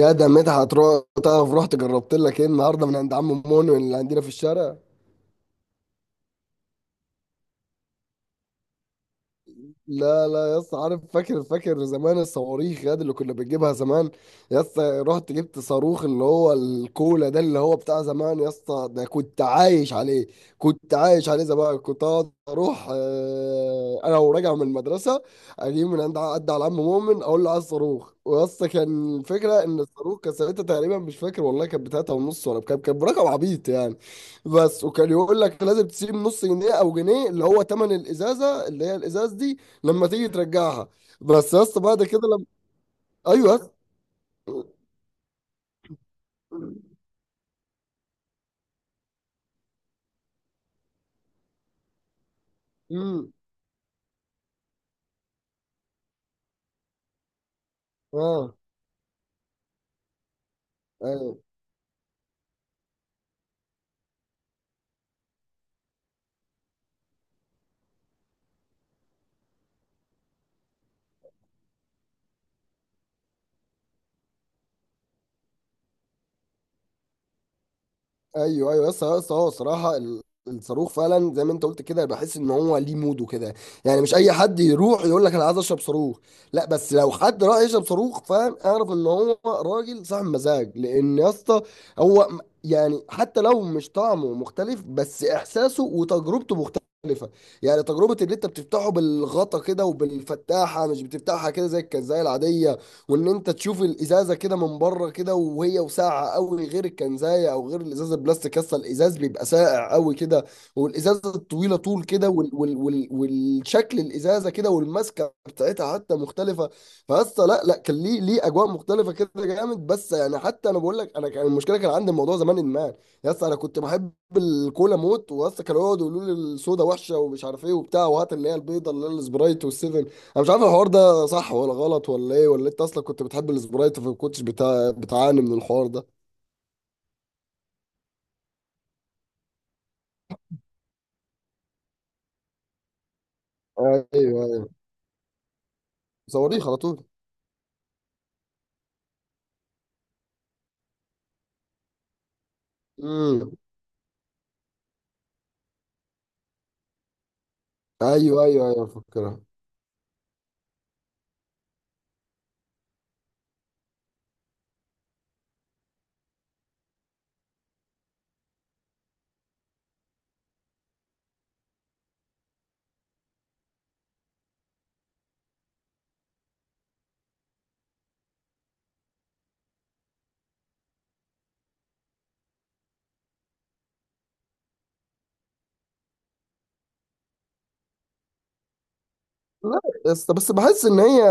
يا ده مدحت تعرف، رحت جربت لك ايه النهارده من عند عم مونو اللي عندنا في الشارع. لا لا يا اسطى، عارف؟ فاكر فاكر زمان الصواريخ ياد اللي كنا بنجيبها زمان. يا اسطى، رحت جبت صاروخ اللي هو الكولا ده اللي هو بتاع زمان. يا اسطى، ده كنت عايش عليه، كنت عايش عليه زمان. كنت اقعد اروح انا وراجع من المدرسه، اجيب من عند عد على عم مؤمن، اقول له عايز صاروخ. ويا اسطى، كان الفكره ان الصاروخ كان ساعتها تقريبا مش فاكر والله، كانت بتلاته ونص، ولا كان برقم عبيط يعني. بس وكان يقول لك لازم تسيب نص جنيه او جنيه، اللي هو تمن الازازه اللي هي الازاز دي، لما تيجي ترجعها. بس يا اسطى بعد كده لما... ايوه يا اسطى. امم. اه. ايوه ايوه ايوه، يس يس، هو صراحه الصاروخ فعلا زي ما انت قلت كده، بحس ان هو ليه موده كده. يعني مش اي حد يروح يقول لك انا عايز اشرب صاروخ. لا، بس لو حد راح يشرب صاروخ، فاهم، اعرف ان هو راجل صاحب مزاج. لان يا اسطى هو م- يعني حتى لو مش طعمه مختلف، بس احساسه وتجربته مختلفه. يعني تجربه اللي انت بتفتحه بالغطا كده وبالفتاحه، مش بتفتحها كده زي الكنزايه العاديه. وان انت تشوف الازازه كده من بره كده وهي وساقعه قوي، غير الكنزايه او غير الازازه البلاستيك. اصلا الازاز بيبقى ساقع قوي كده، والازازه الطويله طول كده، وال والشكل الازازه كده، والماسكه بتاعتها حتى مختلفه. فاصلا لا لا، كان ليه ليه اجواء مختلفه كده جامد. بس يعني حتى انا بقول لك، انا كان المشكله كان عندي الموضوع زمان ادمان. يا اسطى انا كنت بحب الكولا موت. واسطى كانوا يقعدوا يقولوا لي السودا وحشه ومش عارف ايه وبتاع، وهات اللي هي البيضه اللي هي السبرايت والسيفن. انا مش عارف الحوار ده صح ولا غلط ولا ايه، ولا انت اصلا كنت بتحب السبرايت فما كنتش بتعاني من الحوار ده. ايوه ايوه، صواريخ على طول. امم. ايوه ايوه ايوه، فكرها. لا، بس بحس ان هي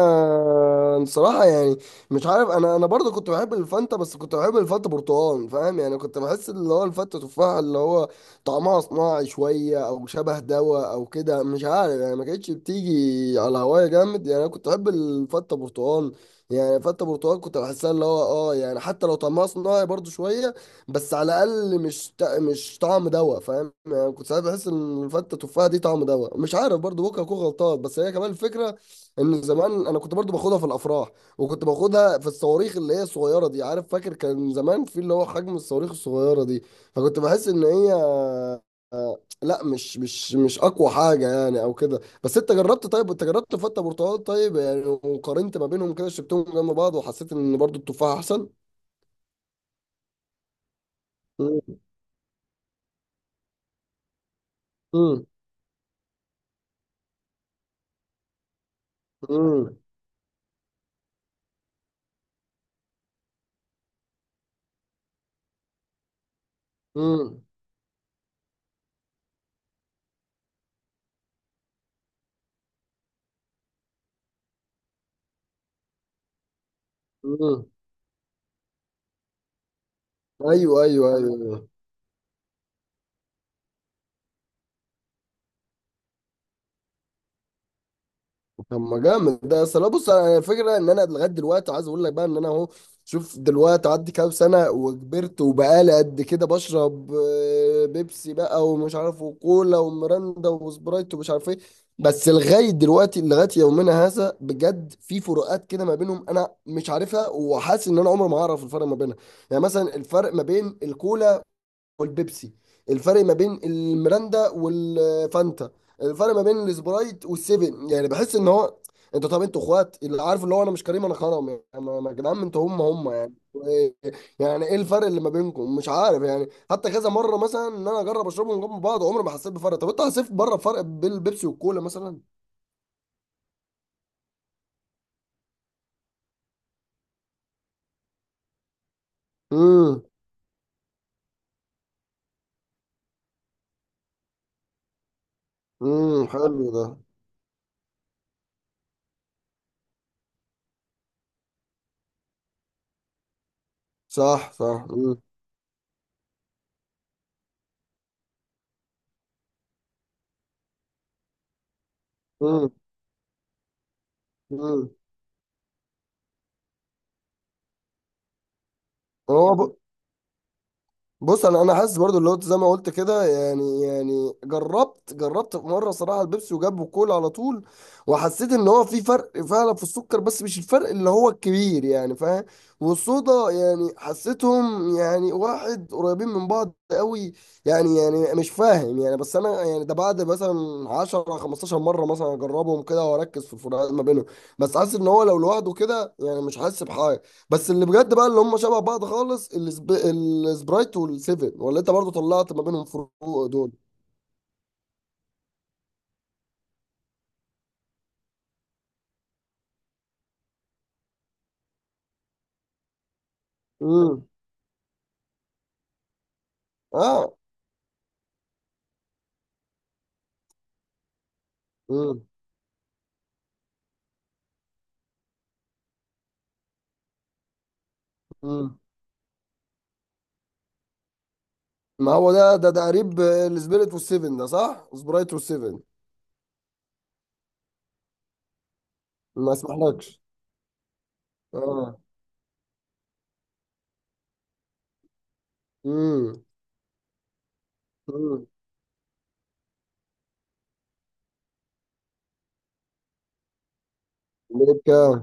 بصراحه يعني مش عارف، انا برضو كنت بحب الفانتا، بس كنت بحب الفانتا برتقال. فاهم يعني؟ كنت بحس اللي هو الفانتا تفاح اللي هو طعمها صناعي شويه او شبه دواء او كده، مش عارف يعني. ما كانتش بتيجي على هوايا جامد يعني. انا كنت بحب الفانتا برتقال. يعني فانتا برتقال كنت بحسها اللي هو اه، يعني حتى لو طعمها صناعي برضو شويه، بس على الاقل مش مش طعم دواء. فاهم يعني؟ كنت ساعات بحس ان الفته تفاحه دي طعم دواء، مش عارف، برضو ممكن اكون غلطان. بس هي كمان الفكره ان زمان انا كنت برضو باخدها في الافراح، وكنت باخدها في الصواريخ اللي هي الصغيره دي. عارف؟ فاكر كان زمان في اللي هو حجم الصواريخ الصغيره دي. فكنت بحس ان هي لا، مش اقوى حاجه يعني او كده. بس انت جربت؟ طيب، انت جربت فته برتقال طيب يعني؟ وقارنت ما بينهم كده، شربتهم جنب بعض، وحسيت ان برضو التفاح احسن. امم. امم. امم. مم. ايوه ايوه ايوه. طب ما جامد ده. اصل أنا بص، انا الفكره ان انا لغايه دلوقتي عايز اقول لك بقى ان انا اهو. شوف دلوقتي، عدي كام سنه وكبرت وبقالي قد كده بشرب بيبسي بقى ومش عارف وكولا وميرندا وسبرايت ومش عارف ايه. بس لغايه دلوقتي، لغايه يومنا هذا، بجد في فروقات كده ما بينهم انا مش عارفها، وحاسس ان انا عمري ما هعرف الفرق ما بينها. يعني مثلا الفرق ما بين الكولا والبيبسي، الفرق ما بين الميراندا والفانتا، الفرق ما بين السبرايت والسيفن، يعني بحس ان هو انت... طب انتوا اخوات اللي عارف اللي هو انا مش كريم انا كرم يعني انا أنا. يا جدعان انتوا هم هم يعني إيه- يعني ايه الفرق اللي ما بينكم؟ مش عارف يعني. حتى كذا مره مثلا ان انا اجرب اشربهم جنب بعض، عمري ما حسيت بفرق. طب انت حسيت بره فرق بين البيبسي والكولا مثلا؟ امم. امم، حلو ده. صح صح. امم. امم. هو ب... بص انا، انا حاسس برضو اللي هو زي ما قلت كده يعني. يعني جربت في مره صراحه البيبسي وجابوا كولا على طول، وحسيت ان هو في فرق فعلا في السكر، بس مش الفرق اللي هو الكبير يعني. فاهم؟ والصودا يعني حسيتهم يعني واحد قريبين من بعض قوي. يعني يعني مش فاهم يعني، بس انا يعني ده بعد مثلا 10 15 مره مثلا اجربهم كده واركز في الفروقات ما بينهم. بس حاسس ان هو لو لوحده كده يعني مش حاسس بحاجه. بس اللي بجد بقى اللي هم شبه بعض خالص، السبرايت والسيفن، ولا انت برضو طلعت ما بينهم فروق دول؟ امم. اه. امم. امم. ما هو ده تقريب السبيريت والسيفن ده، صح؟ سبرايت والسيفن. ما اسمحلكش. اه. امم. امم. ليه كام؟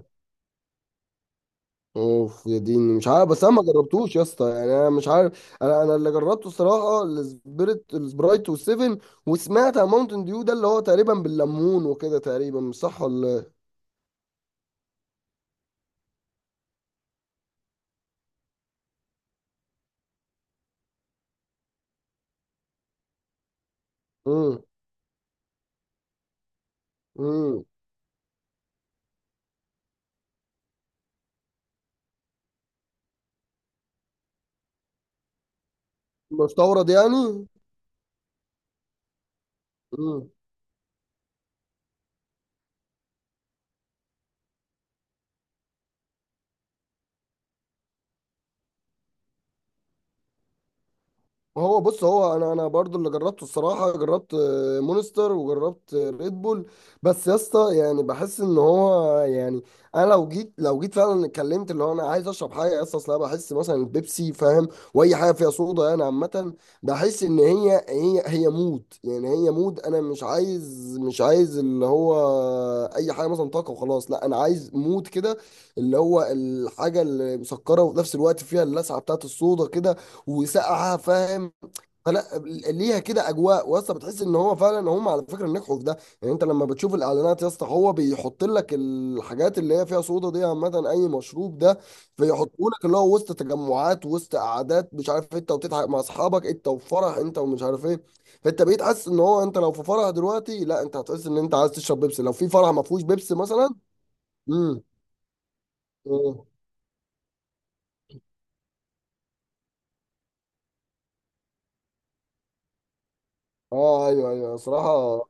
اوف يا ديني، مش عارف، بس انا ما جربتوش يا اسطى يعني. انا مش عارف، انا، انا اللي جربته الصراحه السبيريت، السبرايت والسيفن. وسمعت عن ماونتن ديو ده اللي هو تقريبا بالليمون وكده، تقريبا، مش صح ولا إيه؟ امم. مستورد يعني. امم. هو بص، هو انا، انا برضو اللي جربته الصراحه جربت مونستر وجربت ريد بول. بس يا اسطى يعني بحس ان هو يعني انا لو جيت فعلا اتكلمت اللي هو انا عايز اشرب حاجه يا اسطى. اصل انا بحس مثلا البيبسي، فاهم، واي حاجه فيها صودا يعني عامه، بحس ان هي مود. يعني هي مود، انا مش عايز اللي هو اي حاجه مثلا طاقه وخلاص. لا، انا عايز مود كده، اللي هو الحاجه اللي مسكره وفي نفس الوقت فيها اللسعه بتاعت الصودا كده، وسقعه، فاهم؟ فلا، ليها كده اجواء. واسطى، بتحس ان هو فعلا هم على فكره نجحوا في ده. يعني انت لما بتشوف الاعلانات يا اسطى، هو بيحط لك الحاجات اللي هي فيها صودا دي عامه، اي مشروب ده، فيحطوا لك اللي هو وسط تجمعات، وسط قعدات، مش عارف إيه، انت وتضحك مع اصحابك، انت وفرح، انت ومش عارف ايه. فانت بقيت حاسس ان هو انت لو في فرح دلوقتي، لا انت هتحس ان انت عايز تشرب بيبسي لو في فرح ما فيهوش بيبسي مثلا. امم. إيه. اه ايوه ايوه صراحه.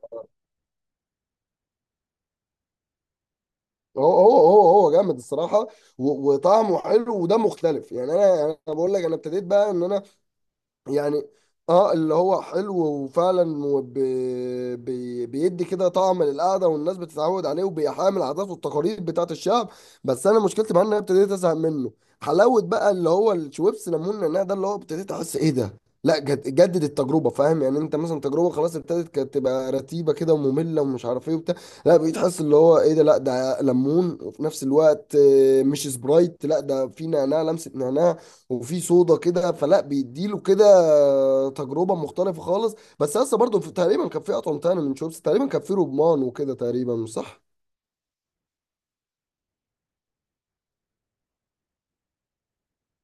هو جامد الصراحه. وطعمه حلو ودمه مختلف يعني. انا انا بقول لك، انا ابتديت بقى ان انا يعني اه، اللي هو حلو وفعلا، بيدي كده طعم للقعده، والناس بتتعود عليه، وبيحامي العادات والتقاليد بتاعت الشعب. بس انا مشكلتي معاه ان انا ابتديت ازهق منه. حلاوه بقى اللي هو الشويبس ليمون نعناع ده، اللي هو ابتديت احس ايه ده؟ لا، جد جدد التجربه. فاهم يعني؟ انت مثلا تجربه خلاص ابتدت كانت تبقى رتيبه كده وممله ومش عارف ايه وبتاع. لا، بقيت حاسس اللي هو ايه ده، لا ده ليمون وفي نفس الوقت مش سبرايت، لا ده في نعناع، لمسه نعناع، وفي صودا كده، فلا بيديله كده تجربه مختلفه خالص. بس لسه برضه تقريبا كان في اطعم تاني من شوربه، تقريبا كان في رمان وكده، تقريبا مش صح؟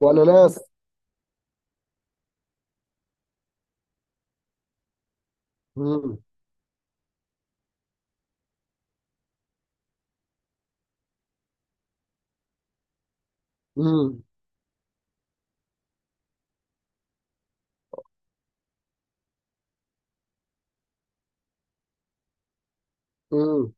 وانا ناس. مم. مم. مم.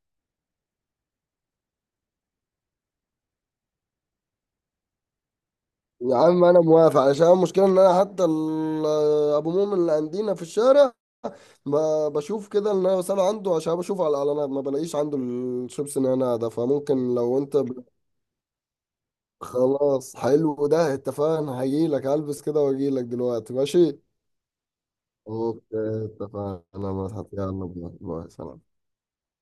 يا عم انا موافق، علشان المشكله ان انا حتى ابو مؤمن اللي عندنا في الشارع، ما بشوف كده ان انا بساله عنده، عشان بشوف على الاعلانات ما بلاقيش عنده الشيبس نعناع ده. فممكن لو انت خلاص، حلو ده، اتفقنا. هجيلك، هلبس كده واجيلك دلوقتي، ماشي؟ اوكي اتفقنا. ما تحط يلا باي باي، سلام.